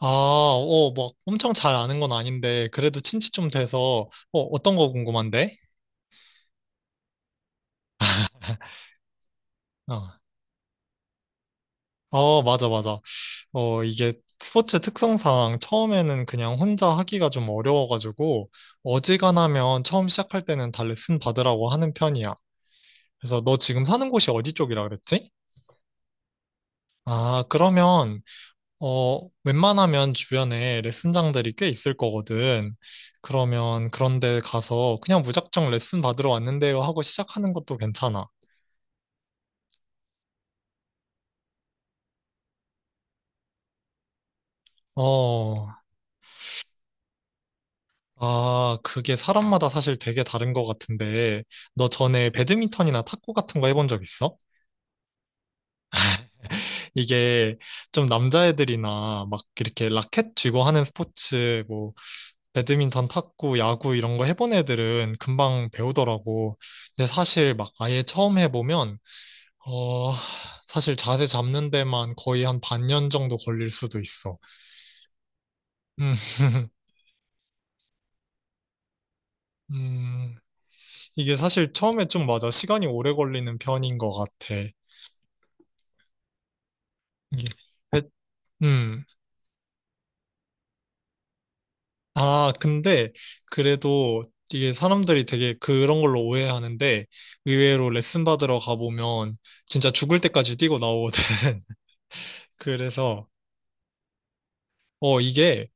아, 막 엄청 잘 아는 건 아닌데, 그래도 친지 좀 돼서, 어떤 거 궁금한데? 어, 어, 맞아, 맞아. 이게 스포츠 특성상 처음에는 그냥 혼자 하기가 좀 어려워가지고, 어지간하면 처음 시작할 때는 다 레슨 받으라고 하는 편이야. 그래서 너 지금 사는 곳이 어디 쪽이라 그랬지? 아, 그러면, 웬만하면 주변에 레슨장들이 꽤 있을 거거든. 그러면 그런데 가서 그냥 무작정 레슨 받으러 왔는데요 하고 시작하는 것도 괜찮아. 어, 아, 그게 사람마다 사실 되게 다른 것 같은데, 너 전에 배드민턴이나 탁구 같은 거 해본 적 있어? 이게 좀 남자애들이나 막 이렇게 라켓 쥐고 하는 스포츠, 뭐, 배드민턴, 탁구, 야구 이런 거 해본 애들은 금방 배우더라고. 근데 사실 막 아예 처음 해보면, 어, 사실 자세 잡는 데만 거의 한 반년 정도 걸릴 수도 있어. 음. 음, 이게 사실 처음에 좀 맞아. 시간이 오래 걸리는 편인 것 같아. 이게 배- 음. 아, 근데 그래도 이게 사람들이 되게 그런 걸로 오해하는데 의외로 레슨 받으러 가보면 진짜 죽을 때까지 뛰고 나오거든. 그래서 이게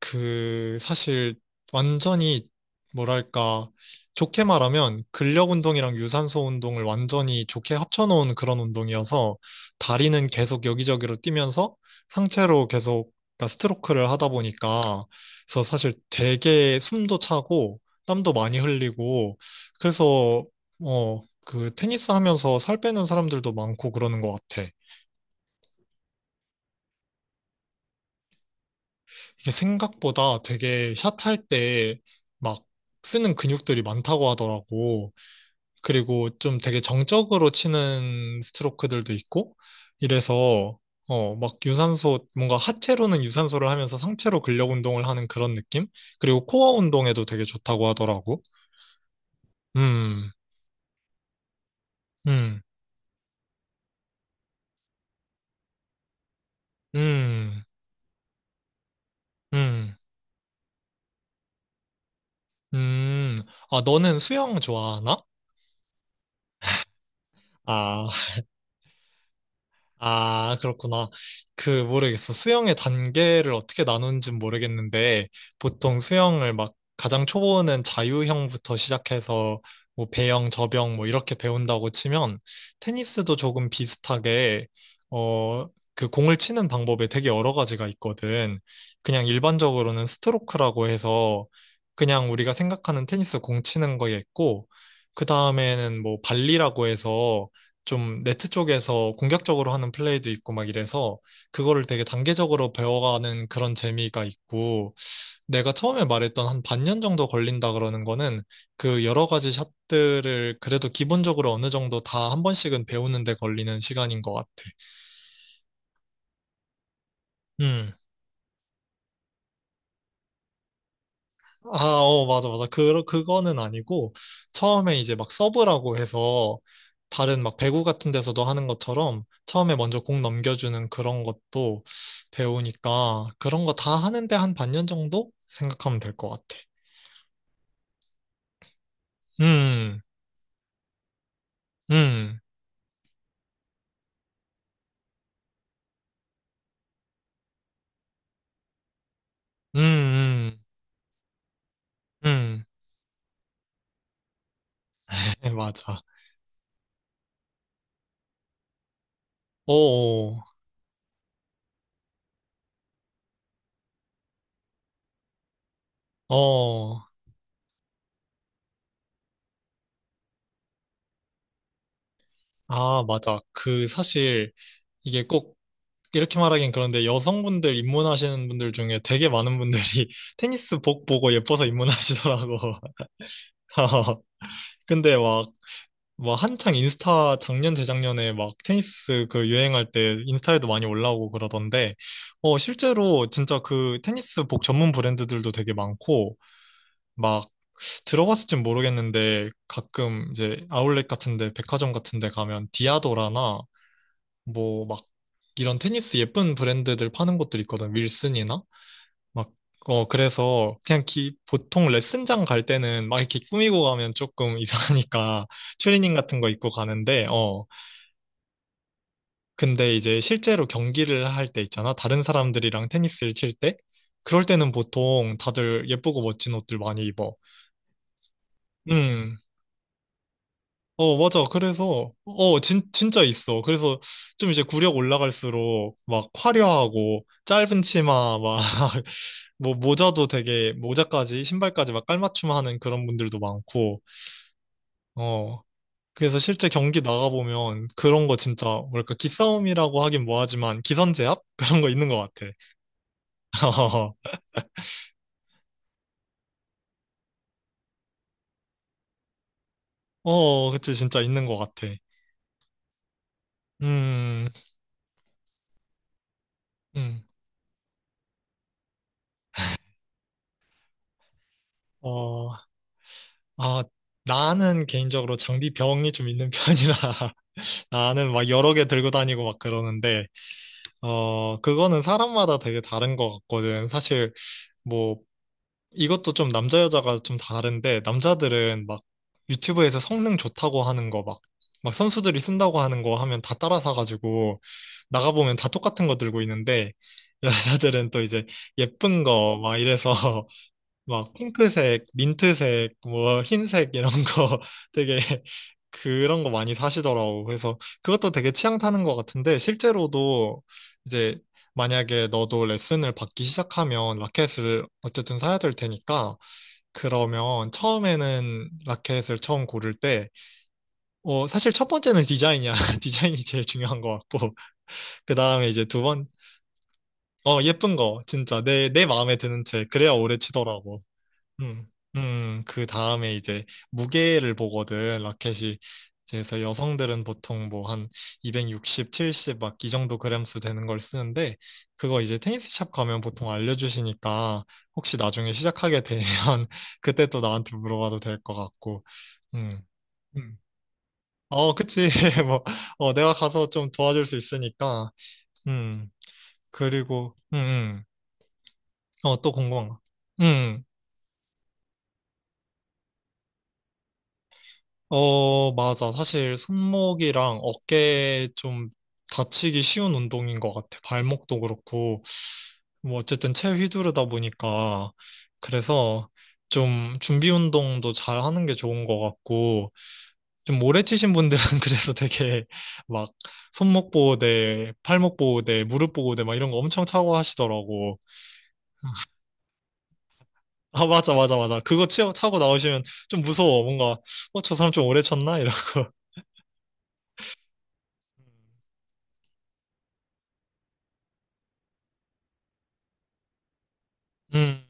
그 사실 완전히, 뭐랄까, 좋게 말하면 근력 운동이랑 유산소 운동을 완전히 좋게 합쳐놓은 그런 운동이어서, 다리는 계속 여기저기로 뛰면서 상체로 계속, 그러니까 스트로크를 하다 보니까, 그래서 사실 되게 숨도 차고 땀도 많이 흘리고 그래서, 어 그 테니스 하면서 살 빼는 사람들도 많고 그러는 것 같아. 이게 생각보다 되게 샷할 때 막 쓰는 근육들이 많다고 하더라고. 그리고 좀 되게 정적으로 치는 스트로크들도 있고, 이래서, 막 유산소, 뭔가 하체로는 유산소를 하면서 상체로 근력 운동을 하는 그런 느낌? 그리고 코어 운동에도 되게 좋다고 하더라고. 음. 음. 음. 음. 음. 아, 너는 수영 좋아하나? 아, 아, 그렇구나. 그, 모르겠어. 수영의 단계를 어떻게 나누는지 모르겠는데, 보통 수영을 막 가장 초보는 자유형부터 시작해서 뭐 배영, 저병 뭐 이렇게 배운다고 치면, 테니스도 조금 비슷하게, 어, 그 공을 치는 방법에 되게 여러 가지가 있거든. 그냥 일반적으로는 스트로크라고 해서 그냥 우리가 생각하는 테니스 공 치는 거에 있고, 그 다음에는 뭐 발리라고 해서 좀 네트 쪽에서 공격적으로 하는 플레이도 있고 막 이래서 그거를 되게 단계적으로 배워가는 그런 재미가 있고, 내가 처음에 말했던 한 반년 정도 걸린다 그러는 거는 그 여러 가지 샷들을 그래도 기본적으로 어느 정도 다 한 번씩은 배우는 데 걸리는 시간인 것 같아. 음. 아, 맞아, 맞아. 그거는 아니고, 처음에 이제 막 서브라고 해서, 다른 막 배구 같은 데서도 하는 것처럼, 처음에 먼저 공 넘겨주는 그런 것도 배우니까, 그런 거 다 하는데 한 반년 정도 생각하면 될 것 같아. 음. 음. 음. 음. 음. 맞아. 오, 어, 어. 아, 맞아. 그 사실 이게 꼭 이렇게 말하긴 그런데, 여성분들 입문하시는 분들 중에 되게 많은 분들이 테니스 복 보고 예뻐서 입문하시더라고. 근데 막 한창 인스타 작년, 재작년에 막 테니스 그 유행할 때 인스타에도 많이 올라오고 그러던데, 실제로 진짜 그 테니스 복 전문 브랜드들도 되게 많고, 막 들어봤을진 모르겠는데, 가끔 이제 아울렛 같은데 백화점 같은데 가면 디아도라나 뭐 막 이런 테니스 예쁜 브랜드들 파는 곳들 있거든. 윌슨이나 막 그래서 그냥 기 보통 레슨장 갈 때는 막 이렇게 꾸미고 가면 조금 이상하니까 트레이닝 같은 거 입고 가는데, 근데 이제 실제로 경기를 할 때 있잖아. 다른 사람들이랑 테니스를 칠 때 그럴 때는 보통 다들 예쁘고 멋진 옷들 많이 입어. 음. 어, 맞아. 그래서, 진짜 있어. 그래서 좀 이제 구력 올라갈수록 막 화려하고 짧은 치마 막 뭐 모자도 되게, 모자까지 신발까지 막 깔맞춤하는 그런 분들도 많고, 어 그래서 실제 경기 나가보면 그런 거 진짜, 뭐랄까, 기싸움이라고 하긴 뭐하지만 기선제압 그런 거 있는 것 같아. 그치, 진짜 있는 것 같아. 음음어아 나는 개인적으로 장비 병이 좀 있는 편이라 나는 막 여러 개 들고 다니고 막 그러는데, 그거는 사람마다 되게 다른 것 같거든, 사실. 뭐 이것도 좀 남자 여자가 좀 다른데, 남자들은 막 유튜브에서 성능 좋다고 하는 거 막 선수들이 쓴다고 하는 거 하면 다 따라 사가지고 나가보면 다 똑같은 거 들고 있는데, 여자들은 또 이제 예쁜 거 막 이래서, 막 핑크색, 민트색, 뭐 흰색 이런 거 되게 그런 거 많이 사시더라고. 그래서 그것도 되게 취향 타는 것 같은데, 실제로도 이제 만약에 너도 레슨을 받기 시작하면 라켓을 어쨌든 사야 될 테니까, 그러면 처음에는 라켓을 처음 고를 때 사실 첫 번째는 디자인이야. 디자인이 제일 중요한 것 같고, 그 다음에 이제 두 번, 예쁜 거, 진짜 내 마음에 드는 채, 그래야 오래 치더라고. 음, 그 다음에 이제 무게를 보거든, 라켓이. 그래서 여성들은 보통 뭐 한 260, 70 막 이 정도 그램수 되는 걸 쓰는데, 그거 이제 테니스샵 가면 보통 알려주시니까, 혹시 나중에 시작하게 되면 그때 또 나한테 물어봐도 될 것 같고, 음. 음. 어, 그치. 뭐, 내가 가서 좀 도와줄 수 있으니까, 음, 그리고, 어, 또 궁금한 거. 음. 음. 어, 맞아. 사실 손목이랑 어깨 좀 다치기 쉬운 운동인 것 같아. 발목도 그렇고. 뭐 어쨌든 채 휘두르다 보니까. 그래서 좀 준비 운동도 잘 하는 게 좋은 것 같고. 좀 오래 치신 분들은 그래서 되게 막 손목 보호대, 팔목 보호대, 무릎 보호대 막 이런 거 엄청 차고 하시더라고. 아, 맞아, 맞아, 맞아. 그거 차고 나오시면 좀 무서워. 뭔가, 저 사람 좀 오래 쳤나? 이런. 음.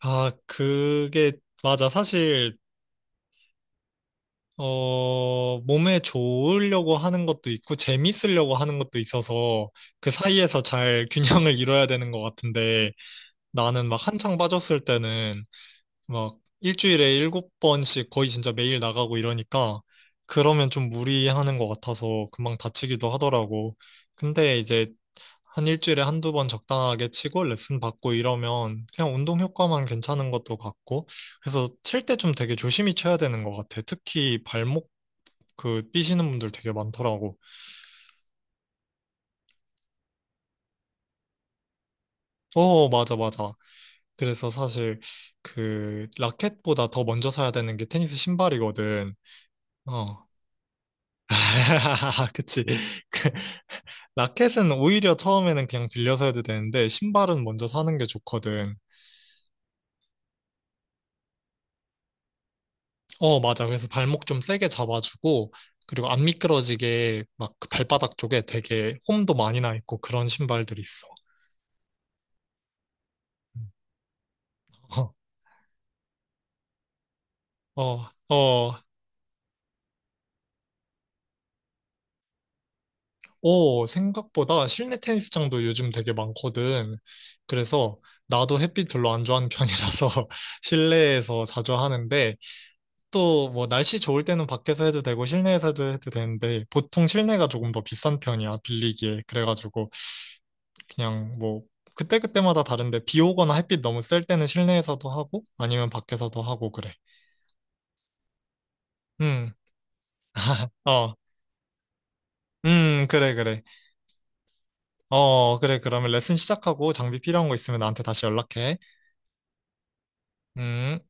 아, 그게, 맞아. 사실, 몸에 좋으려고 하는 것도 있고, 재밌으려고 하는 것도 있어서, 그 사이에서 잘 균형을 이뤄야 되는 것 같은데, 나는 막 한창 빠졌을 때는, 막, 일주일에 일곱 번씩 거의 진짜 매일 나가고 이러니까, 그러면 좀 무리하는 것 같아서 금방 다치기도 하더라고. 근데 이제 한 일주일에 한두 번 적당하게 치고 레슨 받고 이러면 그냥 운동 효과만 괜찮은 것도 같고, 그래서 칠 때 좀 되게 조심히 쳐야 되는 것 같아. 특히 발목, 그 삐시는 분들 되게 많더라고. 어, 맞아, 맞아. 그래서 사실 그 라켓보다 더 먼저 사야 되는 게 테니스 신발이거든. 어. 그치. 그 라켓은 오히려 처음에는 그냥 빌려서 해도 되는데, 신발은 먼저 사는 게 좋거든. 어, 맞아. 그래서 발목 좀 세게 잡아주고, 그리고 안 미끄러지게 막그 발바닥 쪽에 되게 홈도 많이 나 있고 그런 신발들이 있어. 어, 어, 어, 오, 생각보다 실내 테니스장도 요즘 되게 많거든. 그래서 나도 햇빛 별로 안 좋아하는 편이라서 실내에서 자주 하는데, 또 뭐 날씨 좋을 때는 밖에서 해도 되고 실내에서 해도 되는데, 보통 실내가 조금 더 비싼 편이야, 빌리기에. 그래가지고 그냥 뭐 그때그때마다 다른데, 비 오거나 햇빛 너무 셀 때는 실내에서도 하고 아니면 밖에서도 하고 그래. 음. 어. 그래, 그래. 어, 그래. 그러면 레슨 시작하고 장비 필요한 거 있으면 나한테 다시 연락해. 음.